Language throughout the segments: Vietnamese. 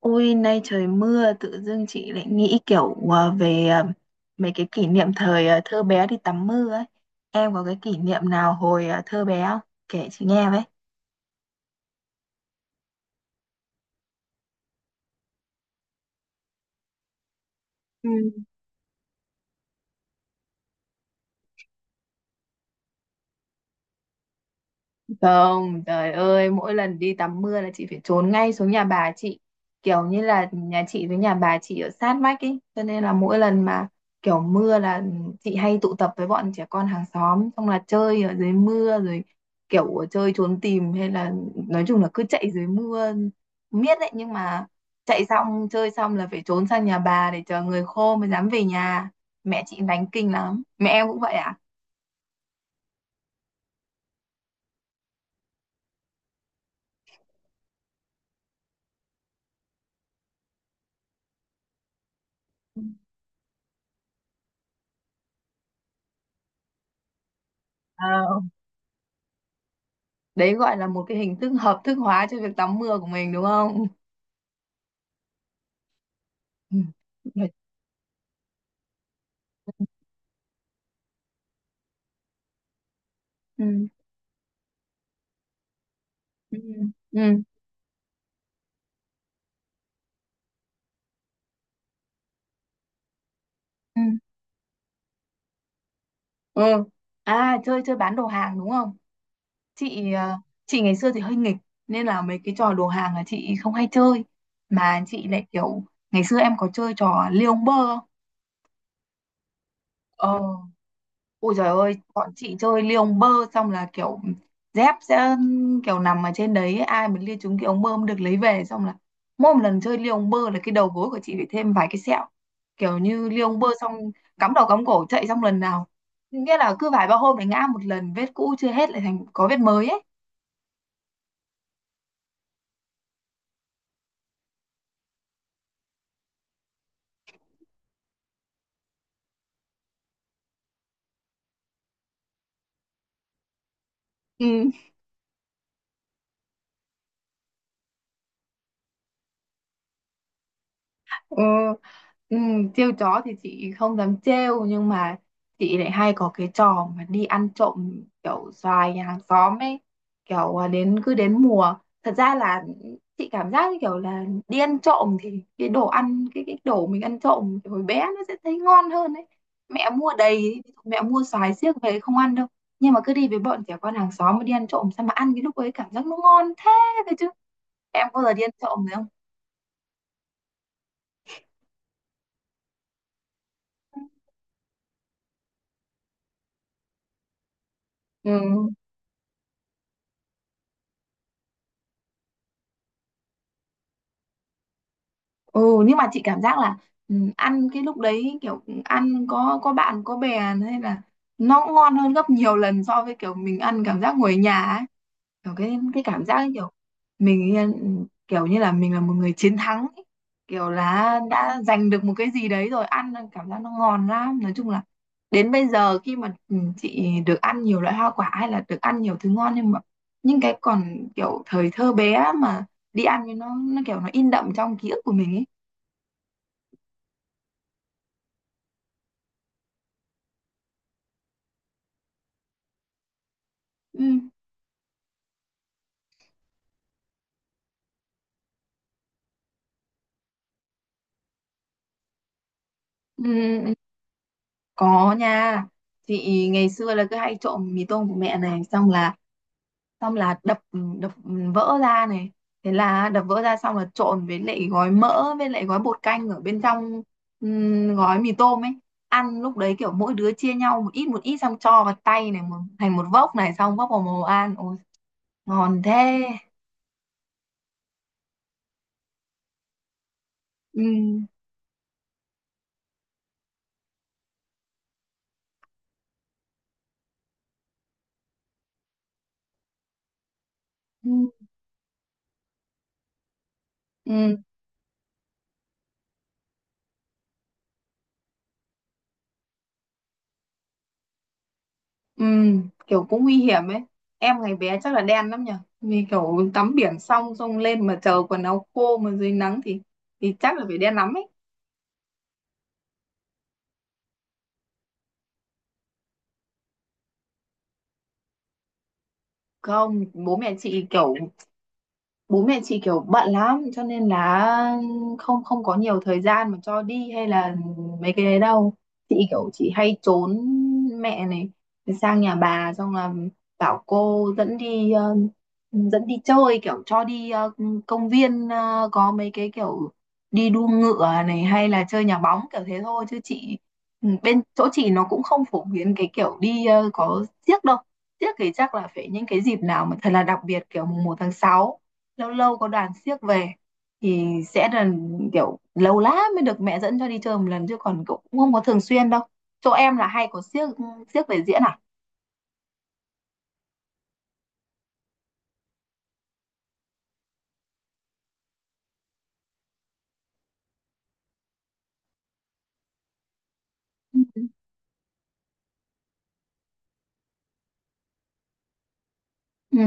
Ôi, nay trời mưa, tự dưng chị lại nghĩ kiểu về mấy cái kỷ niệm thời thơ bé đi tắm mưa ấy. Em có cái kỷ niệm nào hồi thơ bé không? Kể chị nghe với. Không, trời ơi, mỗi lần đi tắm mưa là chị phải trốn ngay xuống nhà bà chị. Kiểu như là nhà chị với nhà bà chị ở sát vách ấy, cho nên là mỗi lần mà kiểu mưa là chị hay tụ tập với bọn trẻ con hàng xóm, xong là chơi ở dưới mưa rồi kiểu chơi trốn tìm hay là nói chung là cứ chạy dưới mưa miết đấy, nhưng mà chạy xong chơi xong là phải trốn sang nhà bà để chờ người khô mới dám về nhà. Mẹ chị đánh kinh lắm. Mẹ em cũng vậy à? Ừ, đấy gọi là một cái hình thức hợp thức hóa cho việc tắm mưa của mình đúng không? Ừ. Ừ. Ừ. Ừ. Ừ. Ừ. À, chơi chơi bán đồ hàng đúng không? Chị ờ, chị ngày xưa thì hơi nghịch nên là mấy cái trò đồ hàng là chị không hay chơi, mà chị lại kiểu, ngày xưa em có chơi trò liêu bơ không? Ờ. Ôi trời ơi, bọn chị chơi ly ông bơ, xong là kiểu dép sẽ kiểu nằm ở trên đấy, ai mà lia trúng cái ống bơm được lấy về. Xong là mỗi một lần chơi ly ông bơ là cái đầu gối của chị phải thêm vài cái sẹo, kiểu như ly ông bơ xong cắm đầu cắm cổ chạy, xong lần nào, nghĩa là cứ vài ba hôm lại ngã một lần, vết cũ chưa hết lại thành có vết mới ấy. Ừ. Ừ, ừ, trêu chó thì chị không dám trêu, nhưng mà chị lại hay có cái trò mà đi ăn trộm kiểu xoài nhà hàng xóm ấy. Kiểu à, đến cứ đến mùa, thật ra là chị cảm giác như kiểu là đi ăn trộm thì cái đồ ăn, cái đồ mình ăn trộm kiểu hồi bé nó sẽ thấy ngon hơn ấy. Mẹ mua đầy ấy, ví dụ mẹ mua xoài xiếc về không ăn đâu, nhưng mà cứ đi với bọn trẻ con hàng xóm mà đi ăn trộm, sao mà ăn cái lúc ấy cảm giác nó ngon thế đấy chứ. Em có bao giờ đi ăn trộm rồi không? Ừ. Ừ, nhưng mà chị cảm giác là ăn cái lúc đấy kiểu ăn có bạn có bè hay là nó cũng ngon hơn gấp nhiều lần so với kiểu mình ăn cảm giác ngồi ở nhà ấy. Kiểu cái cảm giác ấy kiểu mình kiểu như là mình là một người chiến thắng ấy. Kiểu là đã giành được một cái gì đấy rồi ăn cảm giác nó ngon lắm. Nói chung là đến bây giờ khi mà chị được ăn nhiều loại hoa quả hay là được ăn nhiều thứ ngon, nhưng mà những cái còn kiểu thời thơ bé mà đi ăn thì nó kiểu nó in đậm trong ký ức của mình ấy. Ừ, ừ, ừ, có nha. Chị ngày xưa là cứ hay trộm mì tôm của mẹ này, xong là đập đập vỡ ra này. Thế là đập vỡ ra xong là trộn với lại gói mỡ với lại gói bột canh ở bên trong, gói mì tôm ấy, ăn lúc đấy kiểu mỗi đứa chia nhau một ít một ít, xong cho vào tay này một, thành một vốc này, xong vốc vào mồm ăn, ôi ngon thế. Ừ. Ừ. Ừ. Ừ, kiểu cũng nguy hiểm ấy. Em ngày bé chắc là đen lắm nhỉ. Vì kiểu tắm biển xong xong lên mà chờ quần áo khô mà dưới nắng thì chắc là phải đen lắm ấy. Không, bố mẹ chị kiểu bận lắm cho nên là không không có nhiều thời gian mà cho đi hay là mấy cái đấy đâu. Chị hay trốn mẹ này, sang nhà bà xong là bảo cô dẫn đi chơi, kiểu cho đi công viên, có mấy cái kiểu đi đua ngựa này hay là chơi nhà bóng kiểu thế thôi. Chứ bên chỗ chị nó cũng không phổ biến cái kiểu đi có xiếc đâu. Tiếc thì chắc là phải những cái dịp nào mà thật là đặc biệt, kiểu mùng 1 tháng 6 lâu lâu có đoàn xiếc về thì sẽ là kiểu lâu lắm mới được mẹ dẫn cho đi chơi một lần, chứ còn cũng không có thường xuyên đâu. Chỗ em là hay có xiếc xiếc về diễn à? Ừ. Ừ,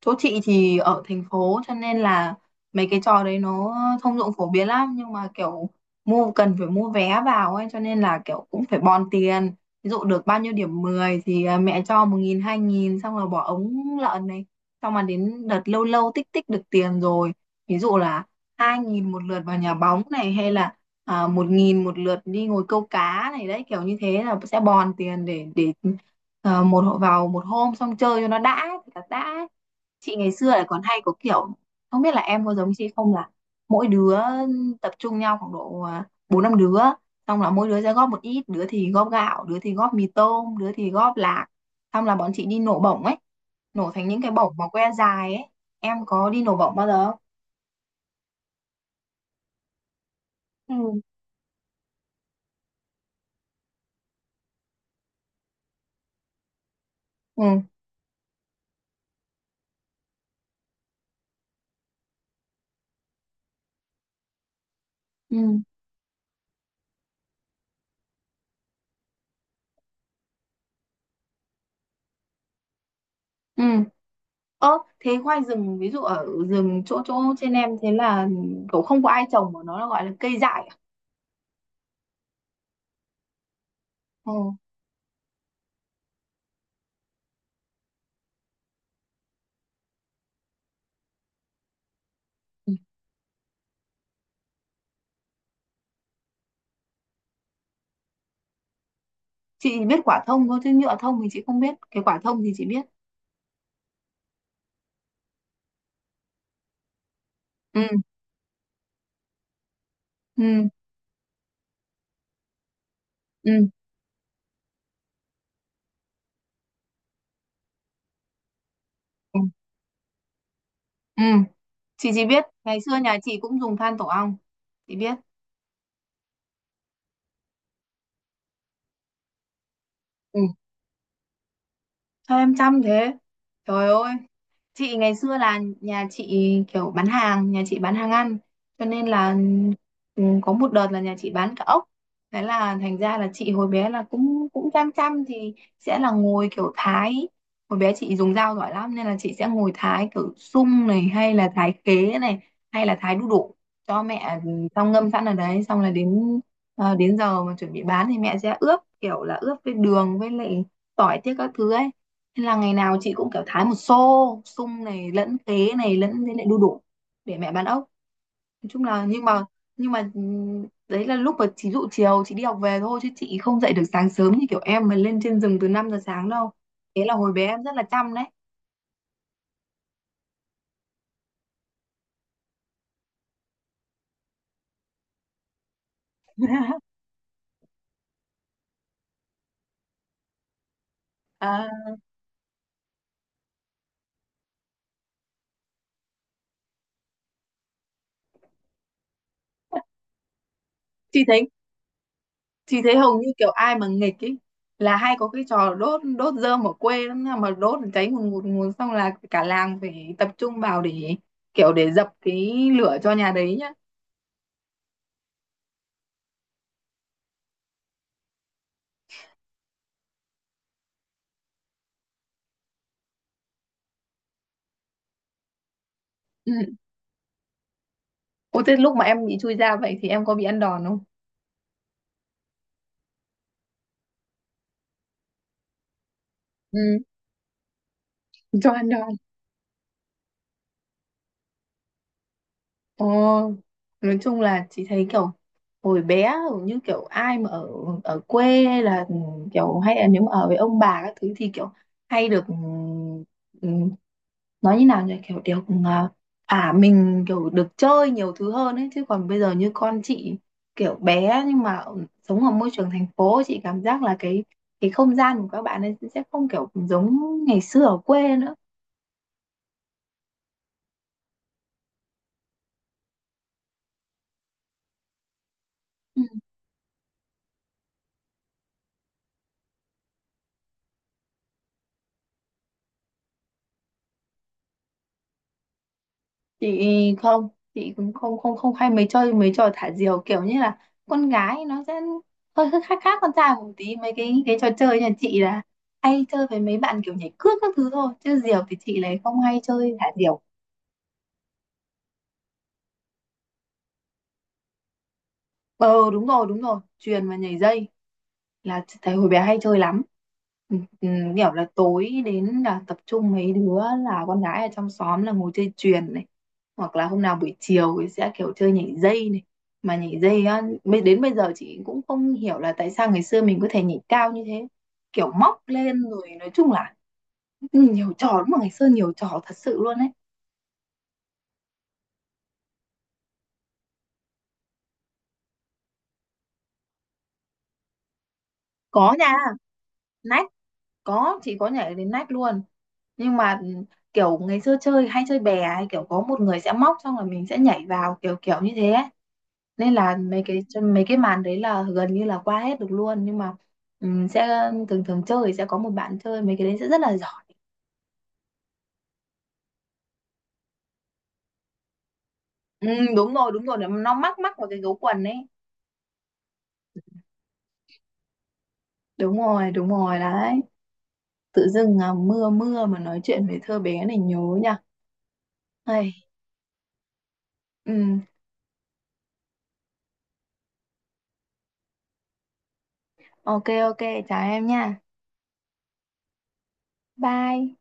chỗ chị thì ở thành phố cho nên là mấy cái trò đấy nó thông dụng phổ biến lắm, nhưng mà kiểu cần phải mua vé vào ấy, cho nên là kiểu cũng phải bòn tiền. Ví dụ được bao nhiêu điểm 10 thì mẹ cho 1.000 2.000, xong rồi bỏ ống lợn này. Xong mà đến đợt lâu lâu tích tích được tiền rồi, ví dụ là 2.000 một lượt vào nhà bóng này, hay là 1.000 một lượt đi ngồi câu cá này, đấy kiểu như thế là sẽ bòn tiền để một hộ vào một hôm xong chơi cho nó đã, thật là đã. Chị ngày xưa là còn hay có kiểu, không biết là em có giống chị không, là mỗi đứa tập trung nhau khoảng độ bốn năm đứa, xong là mỗi đứa sẽ góp một ít, đứa thì góp gạo, đứa thì góp mì tôm, đứa thì góp lạc, xong là bọn chị đi nổ bổng ấy, nổ thành những cái bổng mà que dài ấy. Em có đi nổ bổng bao giờ không? Ừ. Ừ. Ừ. Ừ. Ơ thế khoai rừng ví dụ ở rừng chỗ chỗ trên em, thế là kiểu không có ai trồng mà nó là gọi là cây dại à? Ừ, chị biết quả thông thôi chứ nhựa thông thì chị không biết, cái quả thông thì chị biết. Ừ. Ừ. Ừ. Ừ. Ừ. Chị chỉ biết ngày xưa nhà chị cũng dùng than tổ ong. Chị biết. Ừ, sao em chăm thế, trời ơi. Chị ngày xưa là nhà chị bán hàng ăn cho nên là có một đợt là nhà chị bán cả ốc. Thế là thành ra là chị hồi bé là cũng cũng chăm chăm, thì sẽ là ngồi kiểu thái, hồi bé chị dùng dao giỏi lắm nên là chị sẽ ngồi thái kiểu sung này, hay là thái khế này, hay là thái đu đủ cho mẹ, xong ngâm sẵn ở đấy, xong là đến đến giờ mà chuẩn bị bán thì mẹ sẽ ướp kiểu là ướp với đường với lại tỏi tiết các thứ ấy. Thế là ngày nào chị cũng kiểu thái một xô sung này lẫn khế này lẫn thế lại đu đủ để mẹ bán ốc, nói chung là. Nhưng mà đấy là lúc mà chị dụ chiều chị đi học về thôi, chứ chị không dậy được sáng sớm như kiểu em mà lên trên rừng từ 5 giờ sáng đâu. Thế là hồi bé em rất là chăm đấy. à, chị thấy chị thấy hầu như kiểu ai mà nghịch ấy là hay có cái trò đốt đốt rơm ở quê lắm nha, mà đốt cháy ngùn ngụt xong là cả làng phải tập trung vào để kiểu để dập cái lửa cho nhà đấy nhá. Ủa thế lúc mà em bị chui ra vậy thì em có bị ăn đòn không? Ừ, cho ăn đòn. Ồ, nói chung là chị thấy kiểu hồi bé hầu như kiểu ai mà ở ở quê hay là kiểu hay là nếu mà ở với ông bà các thứ thì kiểu hay được ừm, nói như nào nhỉ, kiểu được thả mình, kiểu được chơi nhiều thứ hơn ấy. Chứ còn bây giờ như con chị kiểu bé nhưng mà sống ở môi trường thành phố, chị cảm giác là cái không gian của các bạn ấy sẽ không kiểu giống ngày xưa ở quê nữa. Chị cũng không không không hay mấy mấy trò thả diều, kiểu như là con gái nó sẽ hơi hơi khác khác con trai một tí. Mấy cái trò chơi nhà chị là hay chơi với mấy bạn kiểu nhảy cước các thứ thôi, chứ diều thì chị lại không hay chơi thả diều. Ờ đúng rồi đúng rồi, chuyền và nhảy dây là thấy hồi bé hay chơi lắm. Ừ, ừ, kiểu là tối đến là tập trung mấy đứa là con gái ở trong xóm là ngồi chơi chuyền này, hoặc là hôm nào buổi chiều thì sẽ kiểu chơi nhảy dây này. Mà nhảy dây á, đến bây giờ chị cũng không hiểu là tại sao ngày xưa mình có thể nhảy cao như thế, kiểu móc lên rồi, nói chung là nhiều trò, đúng mà ngày xưa nhiều trò thật sự luôn ấy. Có nha. Nách, có, chị có nhảy đến nách luôn, nhưng mà kiểu ngày xưa chơi hay chơi bè ấy, kiểu có một người sẽ móc xong rồi mình sẽ nhảy vào kiểu kiểu như thế ấy. Nên là mấy cái màn đấy là gần như là qua hết được luôn, nhưng mà sẽ thường thường chơi sẽ có một bạn chơi mấy cái đấy sẽ rất là giỏi. Ừ, đúng rồi đúng rồi, nó mắc mắc vào cái gấu quần ấy. Đúng rồi đúng rồi đấy. Tự dưng mưa mưa mà nói chuyện về thơ bé này nhớ nha. Ây, ừm, ok ok, chào em nha. Bye.